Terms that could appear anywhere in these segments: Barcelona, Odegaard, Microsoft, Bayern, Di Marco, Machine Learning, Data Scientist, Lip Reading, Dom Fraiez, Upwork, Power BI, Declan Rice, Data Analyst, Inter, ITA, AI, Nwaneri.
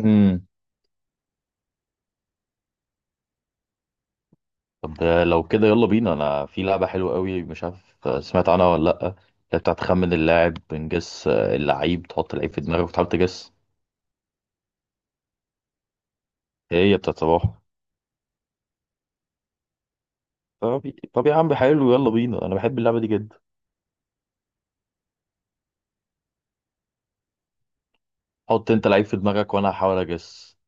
امم طب ده لو كده، يلا بينا. انا في لعبة حلوة قوي، مش عارف سمعت عنها ولا لأ، اللي بتاعت خمن اللاعب. بنجس اللعيب، تحط اللعيب في دماغك وتحاول تجس. هي بتاعت صباح. طب طب يا عم، حلو يلا بينا، انا بحب اللعبة دي جدا. حط انت لعيب في دماغك وانا هحاول اجس.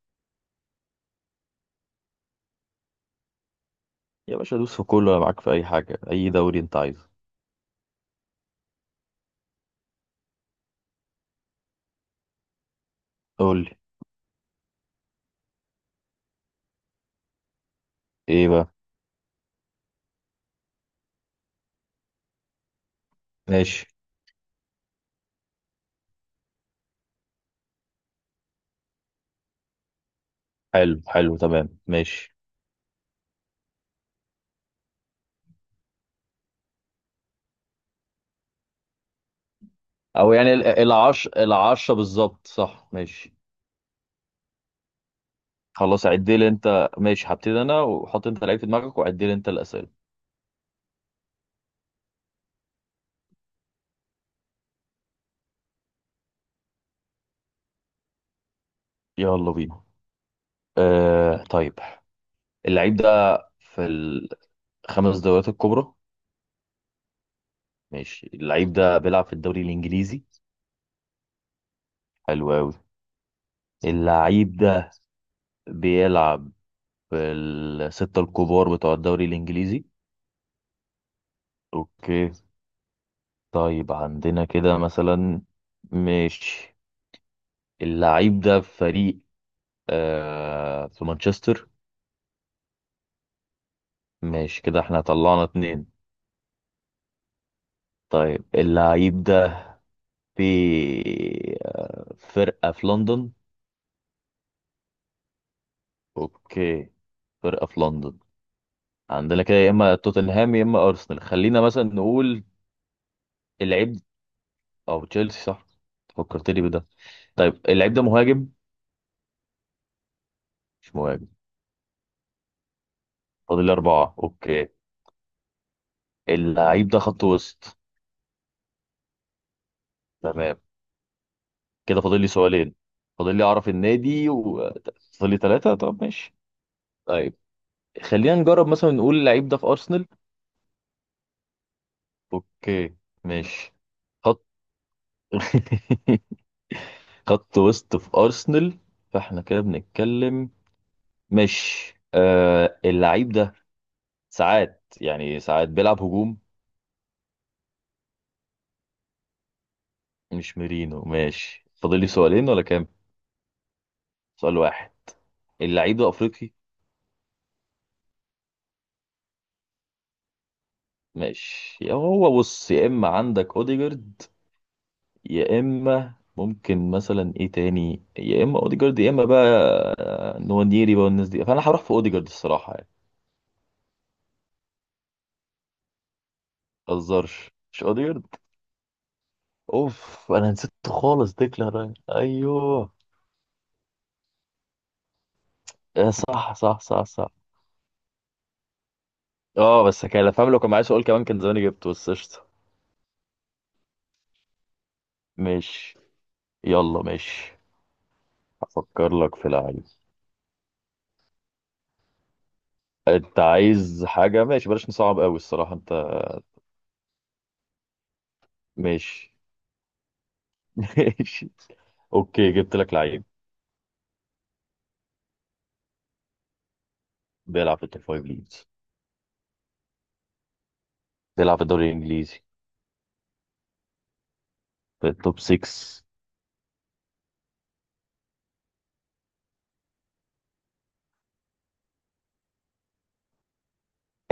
يا باشا دوس في كله، انا معاك في اي حاجة، اي دوري انت عايزه. قول لي ايه بقى. ماشي حلو حلو تمام ماشي. او يعني العشرة بالظبط صح. ماشي خلاص عد لي انت. ماشي، هبتدي انا وحط انت لعيب في دماغك وعد لي انت الاسئله. يلا بينا. طيب. اللعيب ده في الخمس دوريات الكبرى. ماشي اللعيب ده بيلعب في الدوري الانجليزي. حلو قوي. اللعيب ده بيلعب في الستة الكبار بتوع الدوري الانجليزي. اوكي طيب، عندنا كده مثلا. ماشي، اللعيب ده في فريق في مانشستر. ماشي، كده احنا طلعنا اتنين. طيب اللعيب ده في فرقة في لندن. اوكي، فرقة في لندن. عندنا كده يا اما توتنهام يا اما ارسنال، خلينا مثلا نقول اللعيب او تشيلسي صح. فكرتني بده. طيب اللعيب ده مهاجم. مش مهاجم. فاضل لي أربعة اوكي. اللعيب ده خط وسط. تمام، كده فاضل لي سؤالين. فاضل لي اعرف النادي وفاضل لي ثلاثة. طب ماشي. طيب خلينا نجرب مثلا نقول اللعيب ده في ارسنال. اوكي ماشي. خط خط وسط في ارسنال، فاحنا كده بنتكلم. مش آه اللعيب ده ساعات يعني ساعات بيلعب هجوم. مش ميرينو ماشي. فاضل لي سؤالين ولا كام؟ سؤال واحد. اللعيب ده افريقي. ماشي يا هو، بص يا اما عندك اوديجارد يا اما ممكن مثلا ايه تاني، يا اما اوديجارد يا اما بقى نوانيري بقى والناس دي، فانا هروح في اوديجارد الصراحه يعني. ما تهزرش مش اوديجارد. اوف، انا نسيت خالص، ديكلان رايس ايوه. صح صح صح صح. اه بس كان فاهم، لو كان معايا سؤال كمان كان زماني جبته، بس قشطة. ماشي، يلا ماشي. هفكر لك في لعيب. انت عايز حاجة ماشي، بلاش نصعب قوي الصراحة انت. ماشي ماشي. اوكي، جبت لك لعيب. بيلعب في التوب فايف ليجز. بيلعب في الدوري الانجليزي. في التوب 6.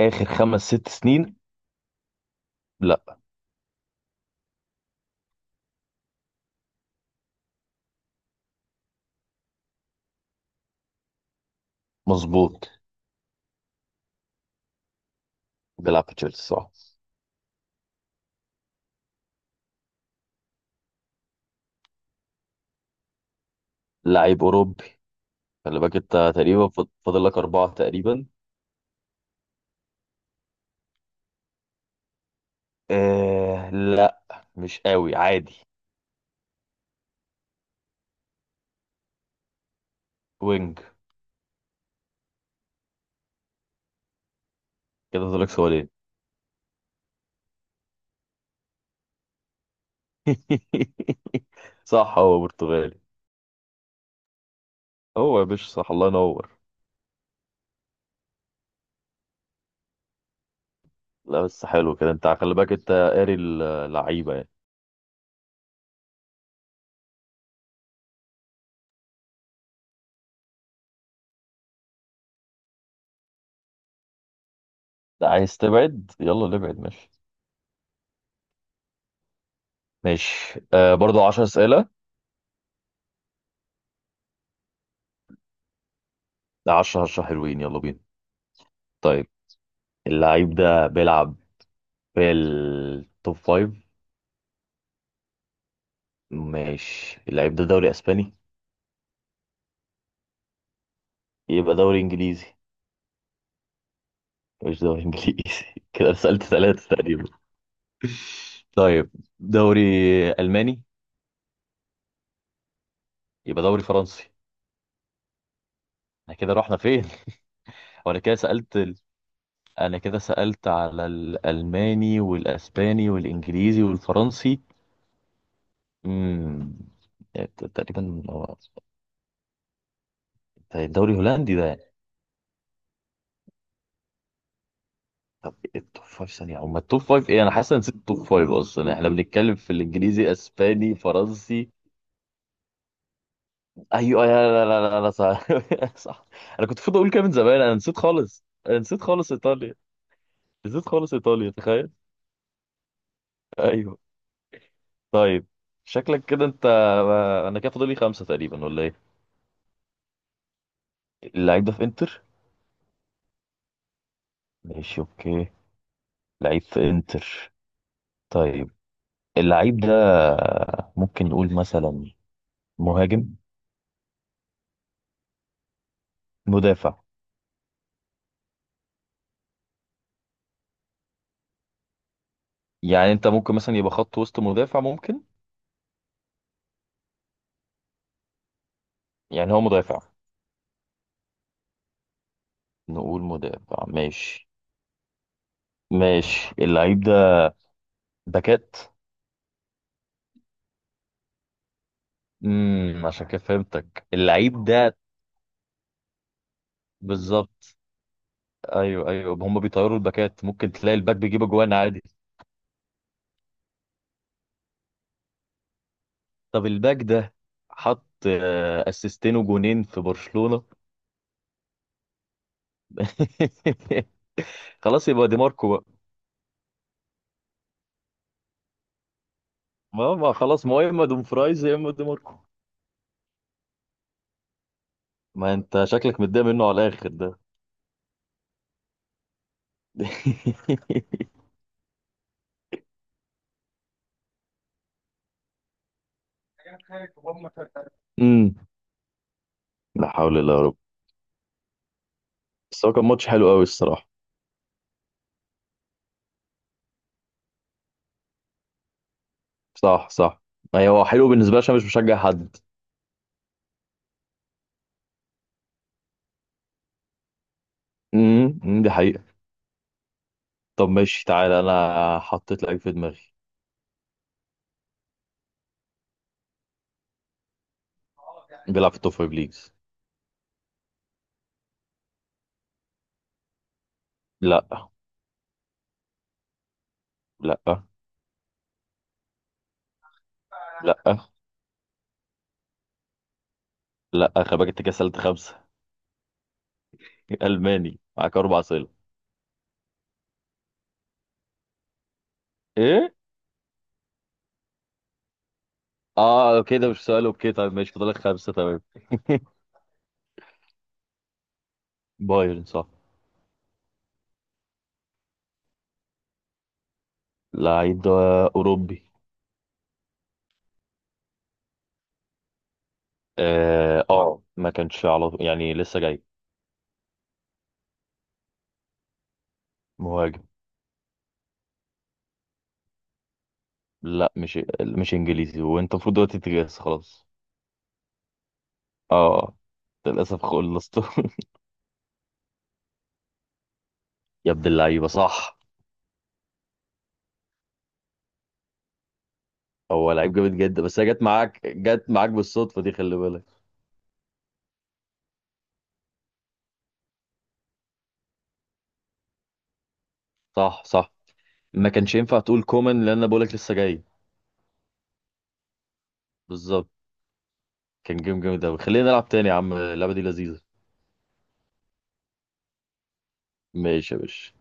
اخر خمس ست سنين. لا. مظبوط. بيلعب في تشيلسي صح. لعيب اوروبي. خلي بالك انت تقريبا. فاضل لك اربعة تقريبا. لا مش قوي، عادي. وينج. كده فاضلك سؤالين. صح، هو برتغالي. هو يا باشا صح، الله ينور. لا بس حلو كده، انت خلي بالك، انت قاري اللعيبه يعني. لا، عايز تبعد يلا نبعد ماشي. ماشي برضو 10 اسئله. 10 10 حلوين يلا بينا. طيب اللعيب ده بيلعب في التوب فايف. ماشي، اللعيب ده دوري اسباني. يبقى دوري انجليزي. مش دوري انجليزي. كده سألت ثلاثه تقريبا. طيب، دوري الماني. يبقى دوري فرنسي. احنا كده رحنا فين؟ وانا كده سألت ال... انا كده سألت على الالماني والاسباني والانجليزي والفرنسي. امم تقريبا ده الدوري الهولندي ده يعني. طب التوب فايف ثانية، او ما التوب فايف ايه، انا حاسس إن نسيت التوب فايف اصلا، احنا بنتكلم في الانجليزي اسباني فرنسي. ايوه يا، لا لا لا لا صح. صح. انا كنت المفروض اقول كده من زمان، انا نسيت خالص، انا نسيت خالص ايطاليا. نسيت خالص ايطاليا تخيل. ايوه. طيب، شكلك كده انت. انا كده فاضل لي خمسة تقريبا ولا ايه؟ اللعيب ده في انتر. ماشي اوكي. لعيب في انتر. طيب اللعيب ده ممكن نقول مثلا مهاجم. مدافع. يعني انت ممكن مثلا يبقى خط وسط، مدافع ممكن. يعني هو مدافع. نقول مدافع ماشي. ماشي، اللعيب ده باكات. امم، عشان كده فهمتك اللعيب ده. بالظبط. ايوه ايوه هم بيطيروا الباكات، ممكن تلاقي الباك بيجيب اجوان عادي. طب الباك ده، حط اسيستين وجونين في برشلونة. خلاص، يبقى دي ماركو بقى. ما خلاص، ما هو يا اما دوم فرايز يا اما دي ماركو. ما انت شكلك متضايق منه على الاخر ده. امم، لا حول الله يا رب. بس هو كان ماتش حلو قوي الصراحة. صح صح. ايوه، هو حلو بالنسبة لي عشان مش بشجع حد. أمم، دي حقيقة. طب ماشي تعالى، انا حطيت لعيب في دماغي. بيلعب في التوب فايف ليجز. لا لا لا لا، خباجة كده سألت خمسة. ألماني معاك 4 أسئلة. إيه؟ كده مش سؤال، أوكي طيب ماشي فاضلك خمسة تمام. بايرن صح. لعيب أوروبي. آه, ما كانش على طول يعني لسه جاي. مهاجم. لا مش إنجليزي، وأنت المفروض دلوقتي تجهز خلاص. آه آه، للأسف خلصته. يا ابن اللعيبة صح. هو لعيب جامد جدا، بس هي جت معاك جت معاك بالصدفة دي، خلي بالك. صح صح. ما كانش ينفع تقول كومان لأن أنا بقولك لسه جاي. بالظبط. كان جيم جامد أوي، خلينا نلعب تاني يا عم اللعبة دي لذيذة. ماشي يا باشا.